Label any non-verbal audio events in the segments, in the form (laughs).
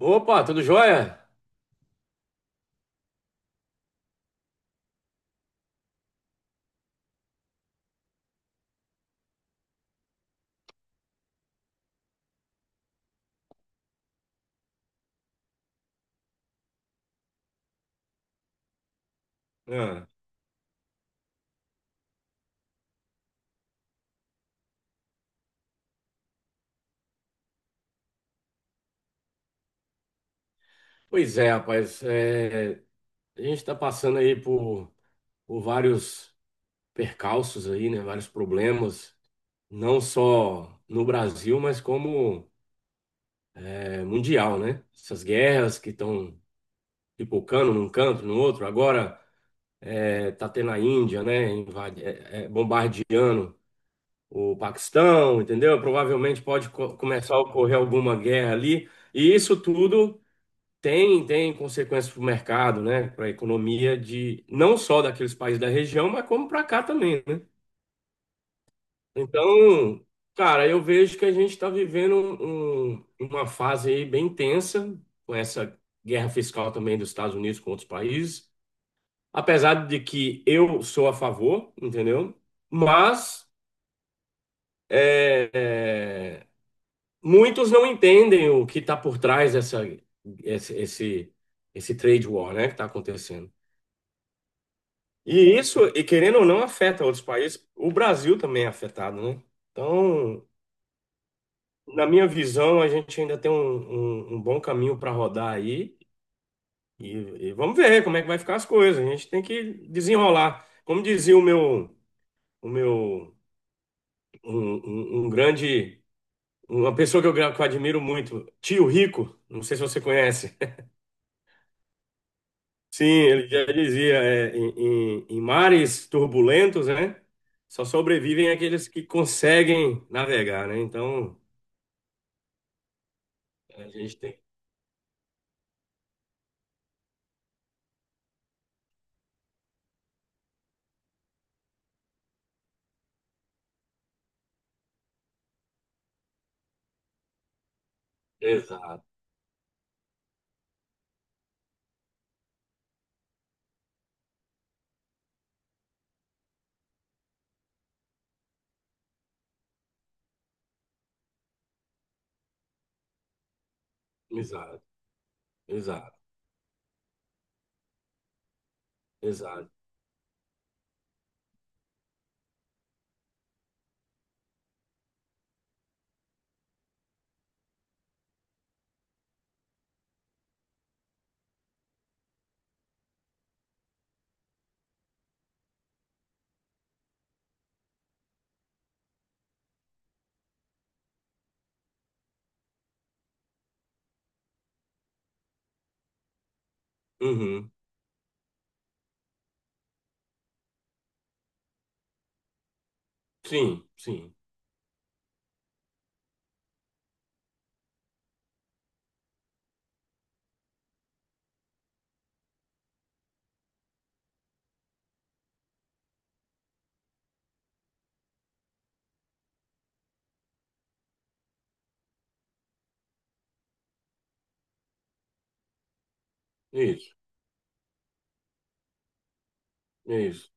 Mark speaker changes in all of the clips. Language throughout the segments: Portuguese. Speaker 1: Opa, tudo jóia? Ah, pois é, rapaz. É, a gente está passando aí por vários percalços aí, né? Vários problemas, não só no Brasil, mas como mundial, né? Essas guerras que estão pipocando num canto, no outro. Agora tá tendo a Índia, né? Invade, bombardeando o Paquistão, entendeu? Provavelmente pode começar a ocorrer alguma guerra ali. E isso tudo. Tem consequências para o mercado, né? Para a economia de não só daqueles países da região, mas como para cá também, né? Então, cara, eu vejo que a gente está vivendo uma fase aí bem tensa com essa guerra fiscal também dos Estados Unidos com outros países. Apesar de que eu sou a favor, entendeu? Mas é, é, muitos não entendem o que está por trás dessa, esse, esse, esse trade war, né? Que está acontecendo. E querendo ou não, afeta outros países. O Brasil também é afetado, né? Então, na minha visão, a gente ainda tem um bom caminho para rodar aí. E, e vamos ver como é que vai ficar as coisas. A gente tem que desenrolar. Como dizia o meu, um, um- um grande, uma pessoa que eu admiro muito, Tio Rico. Não sei se você conhece. Sim, ele já dizia, em mares turbulentos, né? Só sobrevivem aqueles que conseguem navegar, né? Então, a gente tem. Exato, exato, exato, exato. Uhum. Sim, sim. Isso, isso,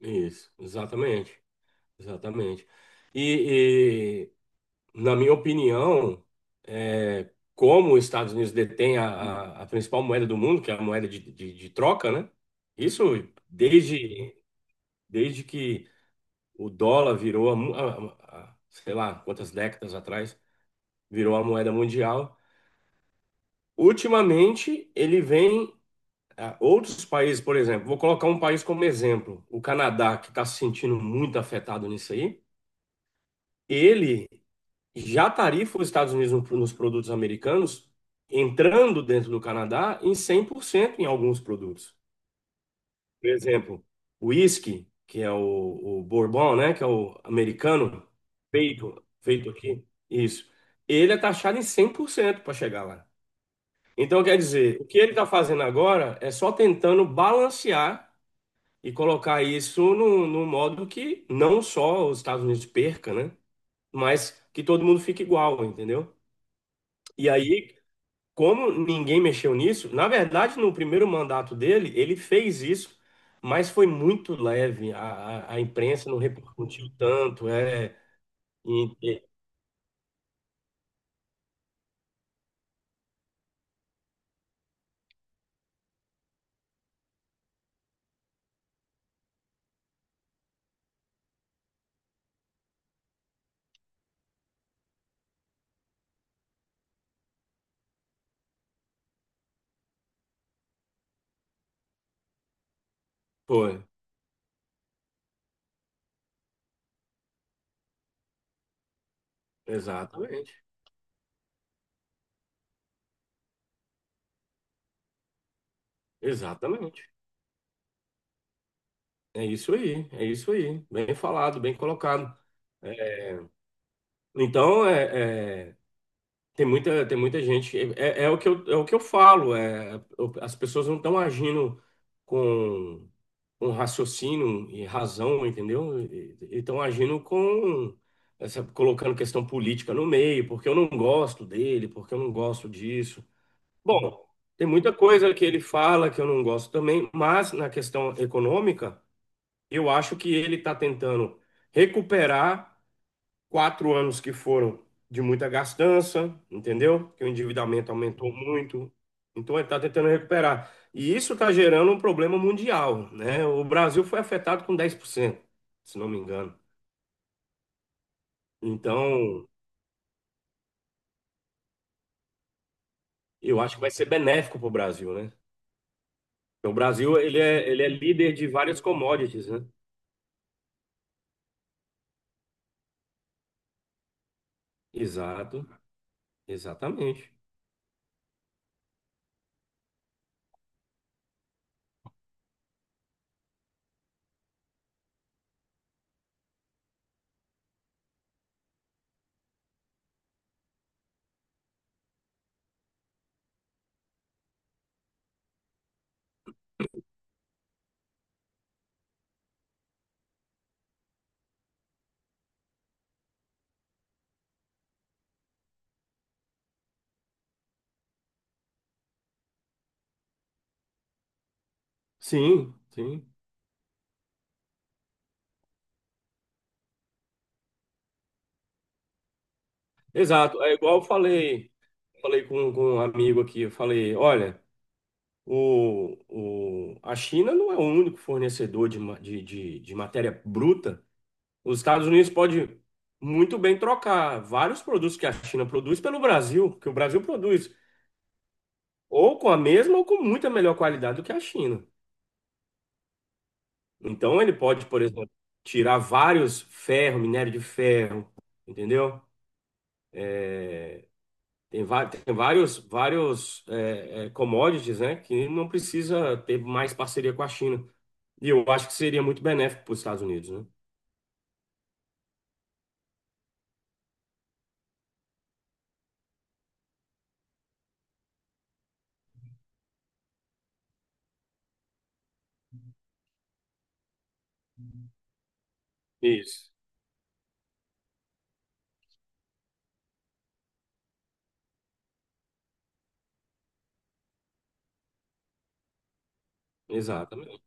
Speaker 1: isso. Exatamente, exatamente. E, e, na minha opinião, é, como os Estados Unidos detêm a principal moeda do mundo, que é a moeda de troca, né? Isso desde Desde que o dólar virou, a mo- a- sei lá, quantas décadas atrás, virou a moeda mundial. Ultimamente, ele vem. A Outros países, por exemplo, vou colocar um país como exemplo, o Canadá, que está se sentindo muito afetado nisso aí, ele já tarifa os Estados Unidos nos produtos americanos, entrando dentro do Canadá em 100% em alguns produtos. Por exemplo, o whisky, que é o bourbon, né? Que é o americano, feito, feito aqui, isso. Ele é taxado em 100% para chegar lá. Então, quer dizer, o que ele está fazendo agora é só tentando balancear e colocar isso num, num modo que não só os Estados Unidos perca, né? Mas que todo mundo fique igual, entendeu? E aí, como ninguém mexeu nisso, na verdade, no primeiro mandato dele, ele fez isso, mas foi muito leve. A imprensa não repercutiu tanto. E- e- Foi, exatamente, exatamente. É isso aí, é isso aí. Bem falado, bem colocado. É, Então, tem muita, tem muita gente. É o que eu falo. As pessoas não estão agindo com, com raciocínio e razão, entendeu? E estão agindo, colocando questão política no meio, porque eu não gosto dele, porque eu não gosto disso. Bom, tem muita coisa que ele fala que eu não gosto também, mas na questão econômica, eu acho que ele está tentando recuperar. 4 anos que foram de muita gastança, entendeu? Que o endividamento aumentou muito. Então ele está tentando recuperar. E isso está gerando um problema mundial, né? O Brasil foi afetado com 10%, se não me engano. Então, eu acho que vai ser benéfico para o Brasil, né? Porque o Brasil, ele é líder de várias commodities, né? Exato, exatamente. Sim, sim. Exato. É igual eu falei, falei com um amigo aqui, eu falei, olha. A China não é o único fornecedor de, ma- de matéria bruta. Os Estados Unidos pode muito bem trocar vários produtos que a China produz pelo Brasil, que o Brasil produz, ou com a mesma ou com muita melhor qualidade do que a China. Então ele pode, por exemplo, tirar vários ferro, minério de ferro, entendeu? Tem vários commodities, né, que não precisa ter mais parceria com a China. E eu acho que seria muito benéfico para os Estados Unidos, né? Isso, exatamente.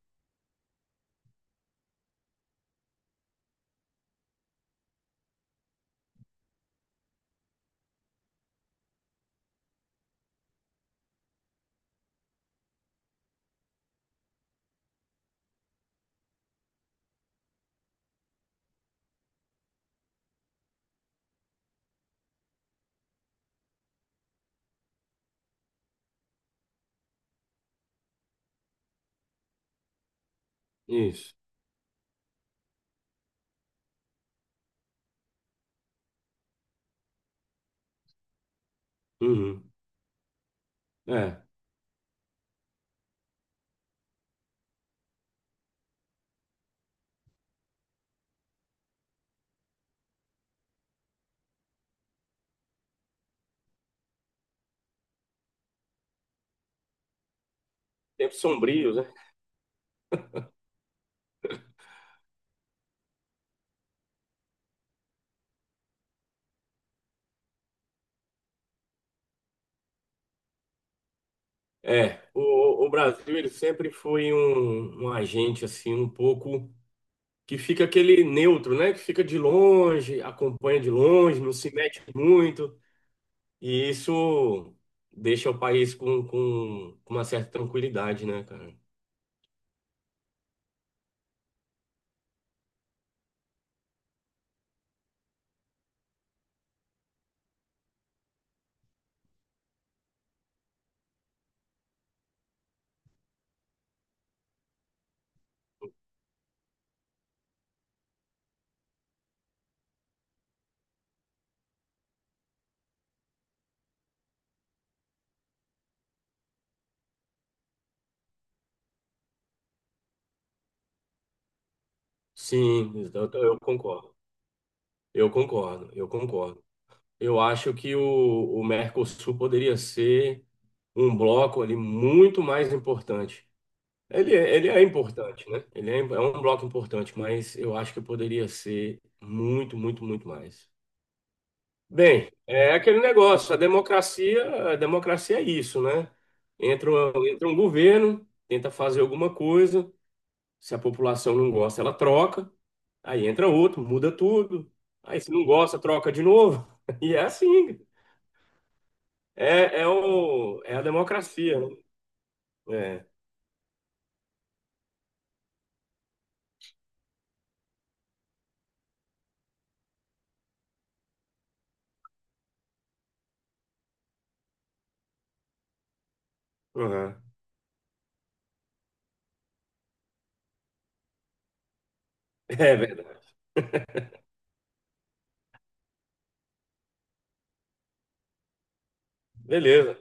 Speaker 1: Isso. Uhum. É. Tempos sombrios, né? É. O Brasil, ele sempre foi um agente, assim, um pouco que fica aquele neutro, né? Que fica de longe, acompanha de longe, não se mete muito. E isso deixa o país com uma certa tranquilidade, né, cara? Sim, eu concordo. Eu concordo, eu concordo. Eu acho que o Mercosul poderia ser um bloco ali muito mais importante. Ele é importante, né? Ele é, é um bloco importante, mas eu acho que poderia ser muito, muito, muito mais. Bem, é aquele negócio, a democracia é isso, né? Entra um governo, tenta fazer alguma coisa, se a população não gosta, ela troca, aí entra outro, muda tudo, aí se não gosta, troca de novo, (laughs) e é assim. É, é, o, é a democracia, né? É, uhum. É verdade. Beleza.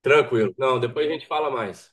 Speaker 1: Tranquilo. Não, depois a gente fala mais.